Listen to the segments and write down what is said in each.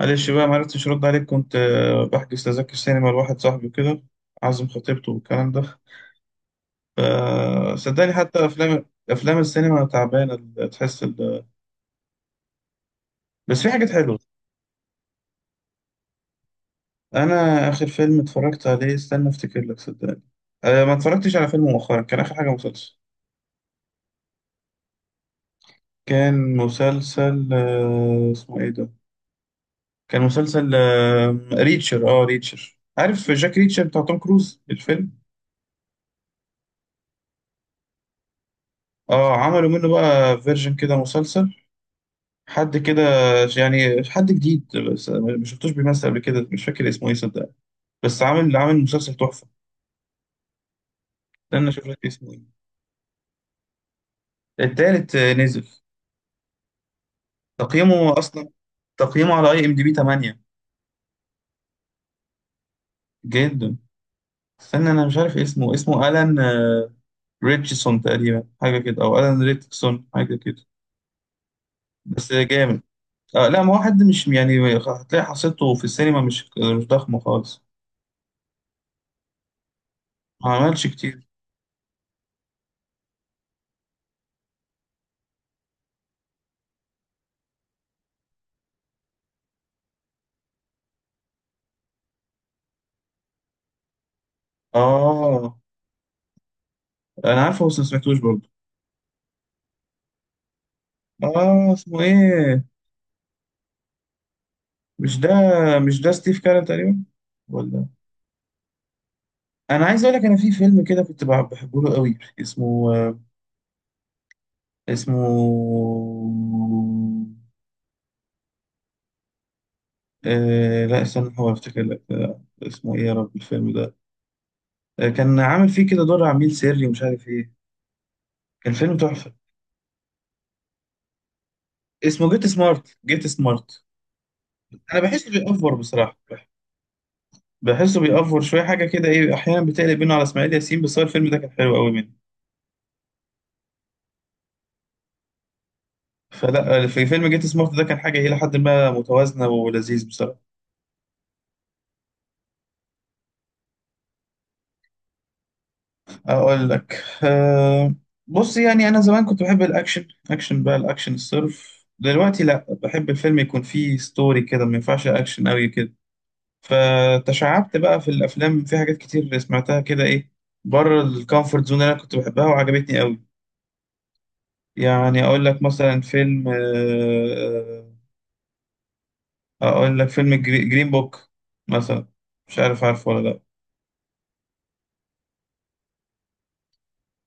معلش بقى معرفتش ارد عليك كنت بحجز تذاكر سينما لواحد صاحبي وكده. عازم خطيبته والكلام ده. فصدقني حتى افلام السينما تعبانه تحس بس في حاجات حلوه. انا اخر فيلم اتفرجت عليه استنى افتكر لك صدقني. ما اتفرجتش على فيلم مؤخرا، كان اخر حاجه مسلسل. كان مسلسل اسمه ايه ده. كان مسلسل ريتشر، عارف جاك ريتشر بتاع توم كروز الفيلم. اه عملوا منه بقى فيرجن كده مسلسل. حد كده، يعني حد جديد، بس ما شفتوش بيمثل قبل كده، مش فاكر اسمه ايه صدق. بس عامل مسلسل تحفه. استنى اشوف لك اسمه ايه. التالت نزل. تقييمه اصلا، تقييمه على اي ام دي بي 8. جدا. استنى انا مش عارف اسمه الان. ريتشسون تقريبا حاجه كده، او الان ريتشسون حاجه كده. بس جامد. آه لا، ما هو حد مش يعني، هتلاقي حصيلته في السينما مش، مش ضخمه خالص. ما عملش كتير. اه انا عارفه بس ما سمعتوش برضه. اه اسمه ايه؟ مش ده، مش ده ستيف كارل تقريبا؟ ولا؟ انا عايز اقول لك، انا في فيلم كده كنت بحبه له قوي، اسمه، اسمه، آه لا استنى هو افتكر لك، اسمه ايه يا رب الفيلم ده. كان عامل فيه كده دور عميل سري ومش عارف ايه. كان فيلم تحفة. اسمه جيت سمارت، جيت سمارت. انا بحسه بيأفور بصراحة، بحسه بيأفور شوية، حاجة كده ايه احيانا بتقلب بينه على اسماعيل ياسين، بس هو الفيلم ده كان حلو قوي منه. فلا، في فيلم جيت سمارت ده كان حاجة الى حد ما متوازنة ولذيذ بصراحة. اقول لك أه، بص يعني انا زمان كنت بحب الاكشن بقى، الاكشن الصرف، دلوقتي لا، بحب الفيلم يكون فيه ستوري كده، ما ينفعش اكشن قوي كده. فتشعبت بقى في الافلام، في حاجات كتير سمعتها كده ايه، بره الكومفورت زون اللي انا كنت بحبها وعجبتني قوي. يعني اقول لك مثلا فيلم اقول لك فيلم جرين بوك مثلا. مش عارف، عارفه ولا لا؟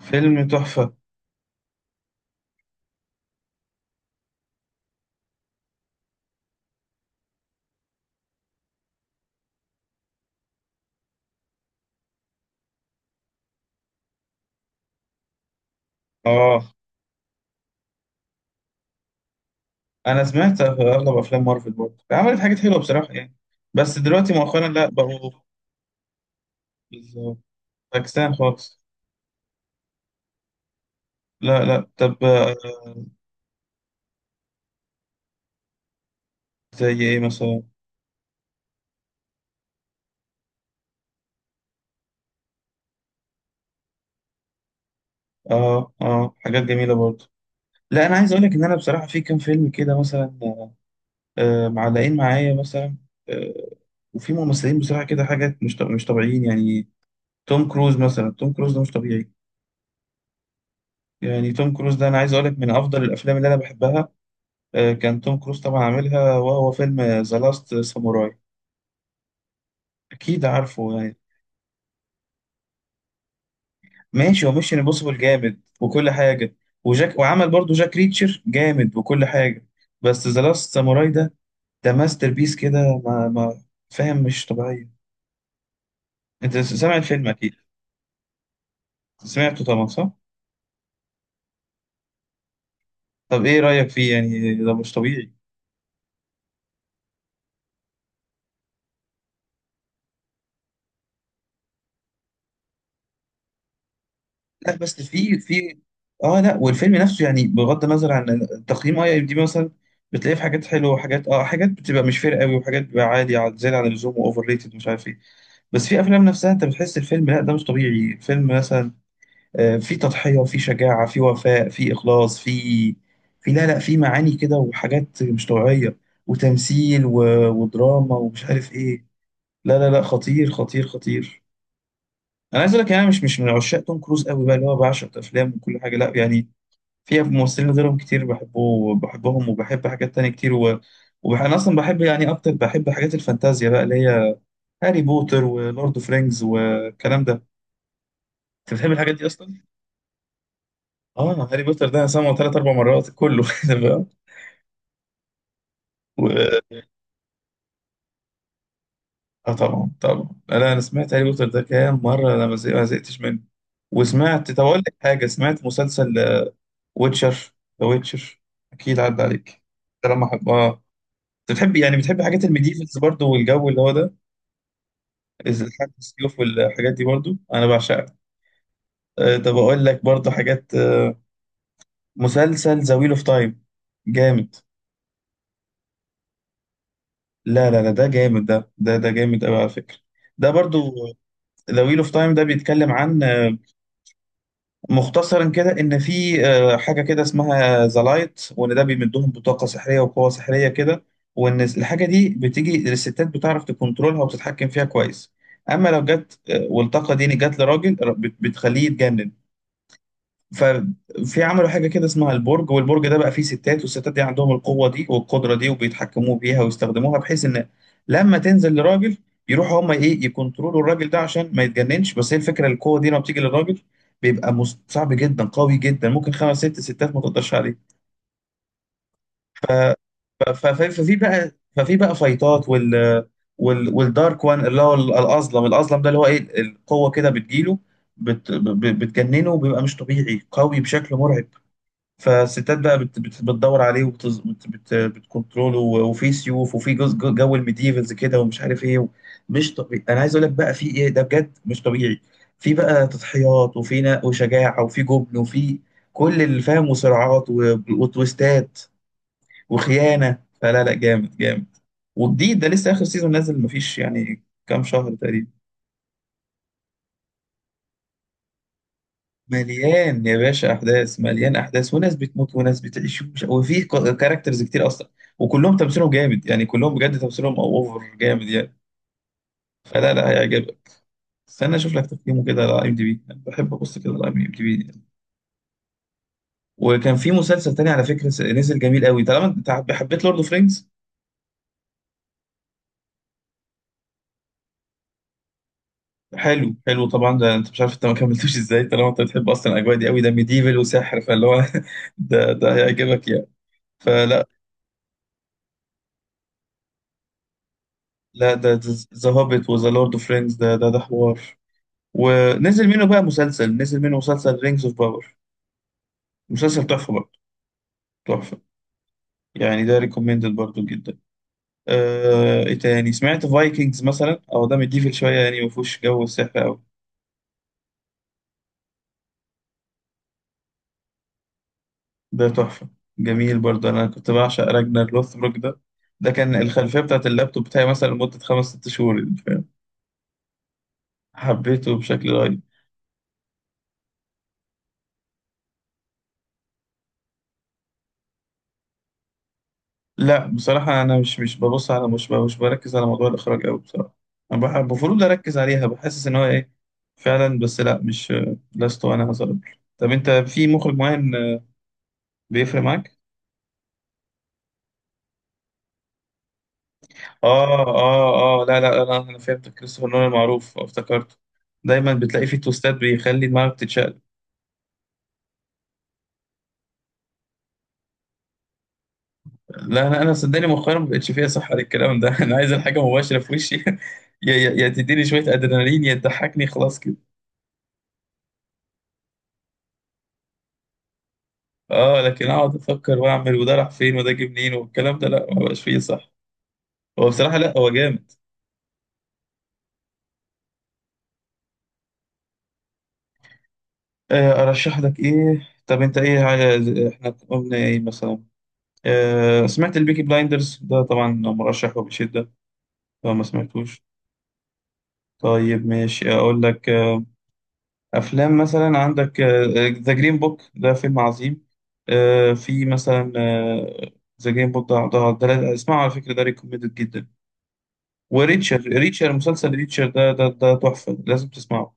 فيلم تحفة. اه انا سمعت اغلب افلام مارفل برضه، عملت حاجات حلوه بصراحه يعني، بس دلوقتي مؤخرا لا، بقوا بالظبط باكستان خالص. لا لا، طب زي ايه مثلا؟ اه اه، حاجات جميله برضه. لا انا عايز اقول لك ان انا بصراحه في كام فيلم كده مثلا، معلقين معايا مثلا. آه، وفي ممثلين بصراحه كده، حاجات مش طبيعيين يعني. توم كروز مثلا، توم كروز ده مش طبيعي. يعني توم كروز ده انا عايز اقول لك من افضل الافلام اللي انا بحبها، كان توم كروز طبعا عاملها، وهو فيلم ذا لاست ساموراي، اكيد عارفه يعني. ماشي، هو ميشن امبوسيبل جامد وكل حاجه، وجاك وعمل برضو جاك ريتشر جامد وكل حاجه، بس ذا لاست ساموراي ده، ده ماستر بيس كده ما فاهم، مش طبيعيه. انت سامع الفيلم اكيد؟ سمعته طبعا صح؟ طب ايه رايك فيه؟ يعني ده مش طبيعي. لا بس في، اه لا، والفيلم نفسه يعني بغض النظر عن تقييم اي ام دي بي مثلا، بتلاقيه في حاجات حلوه، وحاجات اه حاجات بتبقى مش فارقه قوي، وحاجات بتبقى عادي زياده عن اللزوم واوفر ريتد مش عارف ايه. بس في افلام نفسها انت بتحس الفيلم لا ده مش طبيعي فيلم، مثلا في تضحية وفي شجاعة، في وفاء، في اخلاص، في، في، لا لا، في معاني كده وحاجات مش طبيعية، وتمثيل، ودراما ومش عارف ايه. لا لا لا، خطير خطير خطير. انا عايز اقول لك، يعني انا مش من عشاق توم كروز قوي بقى، اللي هو بعشق افلامه وكل حاجة، لا يعني. في ممثلين غيرهم كتير بحبهم، وبحب حاجات تانية كتير، انا اصلا بحب، يعني اكتر بحب حاجات الفانتازيا بقى، اللي هي هاري بوتر ولورد اوف رينجز والكلام ده. انت بتحب الحاجات دي اصلا؟ اه، هاري بوتر ده انا سامعه ثلاث اربع مرات كله فاهم؟ و... اه طبعا طبعا، انا سمعت هاري بوتر ده كام مره، انا ما زهقتش منه. وسمعت، طب اقول لك حاجه، سمعت مسلسل ويتشر، ذا ويتشر، اكيد عدى عليك. ده لما حب اه. انت بتحب يعني بتحب حاجات الميديفلز برضو والجو اللي هو ده. حاجات السيوف والحاجات دي برضو انا بعشقها. طب اقول لك برضو حاجات، مسلسل ذا ويل اوف تايم، جامد. لا لا لا ده جامد، ده جامد قوي على فكرة. ده برضو، ذا ويل اوف تايم ده بيتكلم عن، مختصرا كده، ان في حاجة كده اسمها ذا لايت وان، ده بيمدهم بطاقة سحرية وقوة سحرية كده، وان الحاجة دي بتيجي الستات بتعرف تكنترولها وتتحكم فيها كويس. اما لو جت والطاقة دي جت لراجل بتخليه يتجنن. ففي عملوا حاجة كده اسمها البرج، والبرج ده بقى فيه ستات، والستات دي عندهم القوة دي والقدرة دي، وبيتحكموا بيها ويستخدموها، بحيث إن لما تنزل لراجل يروحوا هما إيه يكونترولوا الراجل ده عشان ما يتجننش، بس هي الفكرة القوة دي لما بتيجي للراجل بيبقى صعب جدا قوي جدا، ممكن خمس ست ستات ما تقدرش عليه. ففي بقى، فايتات، والدارك وان، اللي هو الأظلم ده اللي هو إيه، القوة كده بتجيله، بتجننه، وبيبقى مش طبيعي قوي بشكل مرعب. فالستات بقى بت بت بتدور عليه، وبتز، بت بت بتكنترول. وفي سيوف، وفي جو الميديفلز كده ومش عارف ايه. مش طبيعي، انا عايز اقول لك بقى، في ايه ده بجد مش طبيعي. في بقى تضحيات، وفي وشجاعه، وفي جبن، وفي كل اللي فاهم، وصراعات وتويستات وخيانه. فلا لا، جامد جامد. وجديد، ده لسه اخر سيزون نازل مفيش يعني كام شهر تقريبا. مليان يا باشا احداث، مليان احداث، وناس بتموت وناس بتعيش وفي كاركترز كتير اصلا، وكلهم تمثيلهم جامد، يعني كلهم بجد تمثيلهم اوفر جامد يعني. فلا لا، هيعجبك. استنى اشوف لك تقييمه كده على اي ام دي بي، بحب ابص كده على اي ام دي بي. وكان في مسلسل تاني على فكره، نزل جميل قوي، طالما انت حبيت لورد اوف رينجز. حلو حلو طبعا، ده انت مش عارف انت ما كملتوش ازاي، طالما انت بتحب اصلا الاجواء دي قوي، ده ميديفل وسحر فاللي هو ده هيعجبك يعني. فلا، لا ده ذا هوبيت وذا لورد اوف رينجز ده حوار. ونزل منه بقى مسلسل نزل منه مسلسل رينجز اوف باور، مسلسل تحفة برضه، تحفة. يعني ده ريكومندد برضه جدا. ايه تاني، سمعت فايكنجز مثلا؟ او ده مديفل شوية، يعني ما فيهوش جو السحر قوي. ده تحفة. جميل برضه، انا كنت بعشق راجنر لوثبروك ده، ده كان الخلفية بتاعت اللابتوب بتاعي مثلا لمدة خمس ست شهور يعني، فاهم؟ حبيته بشكل رهيب. لا بصراحة، أنا مش مش ببص على، مش مش بركز على موضوع الإخراج أوي بصراحة. أنا المفروض أركز عليها، بحسس إن هو إيه فعلا، بس لا، مش، لست أنا هظلم. طب أنت في مخرج معين بيفرق معاك؟ لا لا، أنا فهمت، كريستوفر نولان معروف افتكرته. دايما بتلاقي فيه توستات بيخلي دماغك تتشقلب. لا، أنا صدقني مؤخرا ما بقتش فيها صحة للكلام ده أنا عايز الحاجة مباشرة في وشي يا تديني شوية أدرينالين، يا تضحكني خلاص كده. اه، لكن اقعد افكر واعمل وده راح فين وده جه منين والكلام ده، لا ما بقاش فيه صح. هو بصراحه، لا هو جامد. ارشح لك ايه؟ طب انت ايه عايز؟ احنا قلنا ايه مثلا؟ سمعت البيكي بلايندرز ده طبعا؟ مرشح وبشده، لو ما سمعتوش. طيب ماشي اقول لك، افلام مثلا عندك ذا جرين بوك، ده فيلم عظيم. في مثلا ذا جرين بوك اسمعه على فكره، ده ريكومندد جدا. وريتشر، مسلسل ريتشر ده تحفة لازم تسمعه.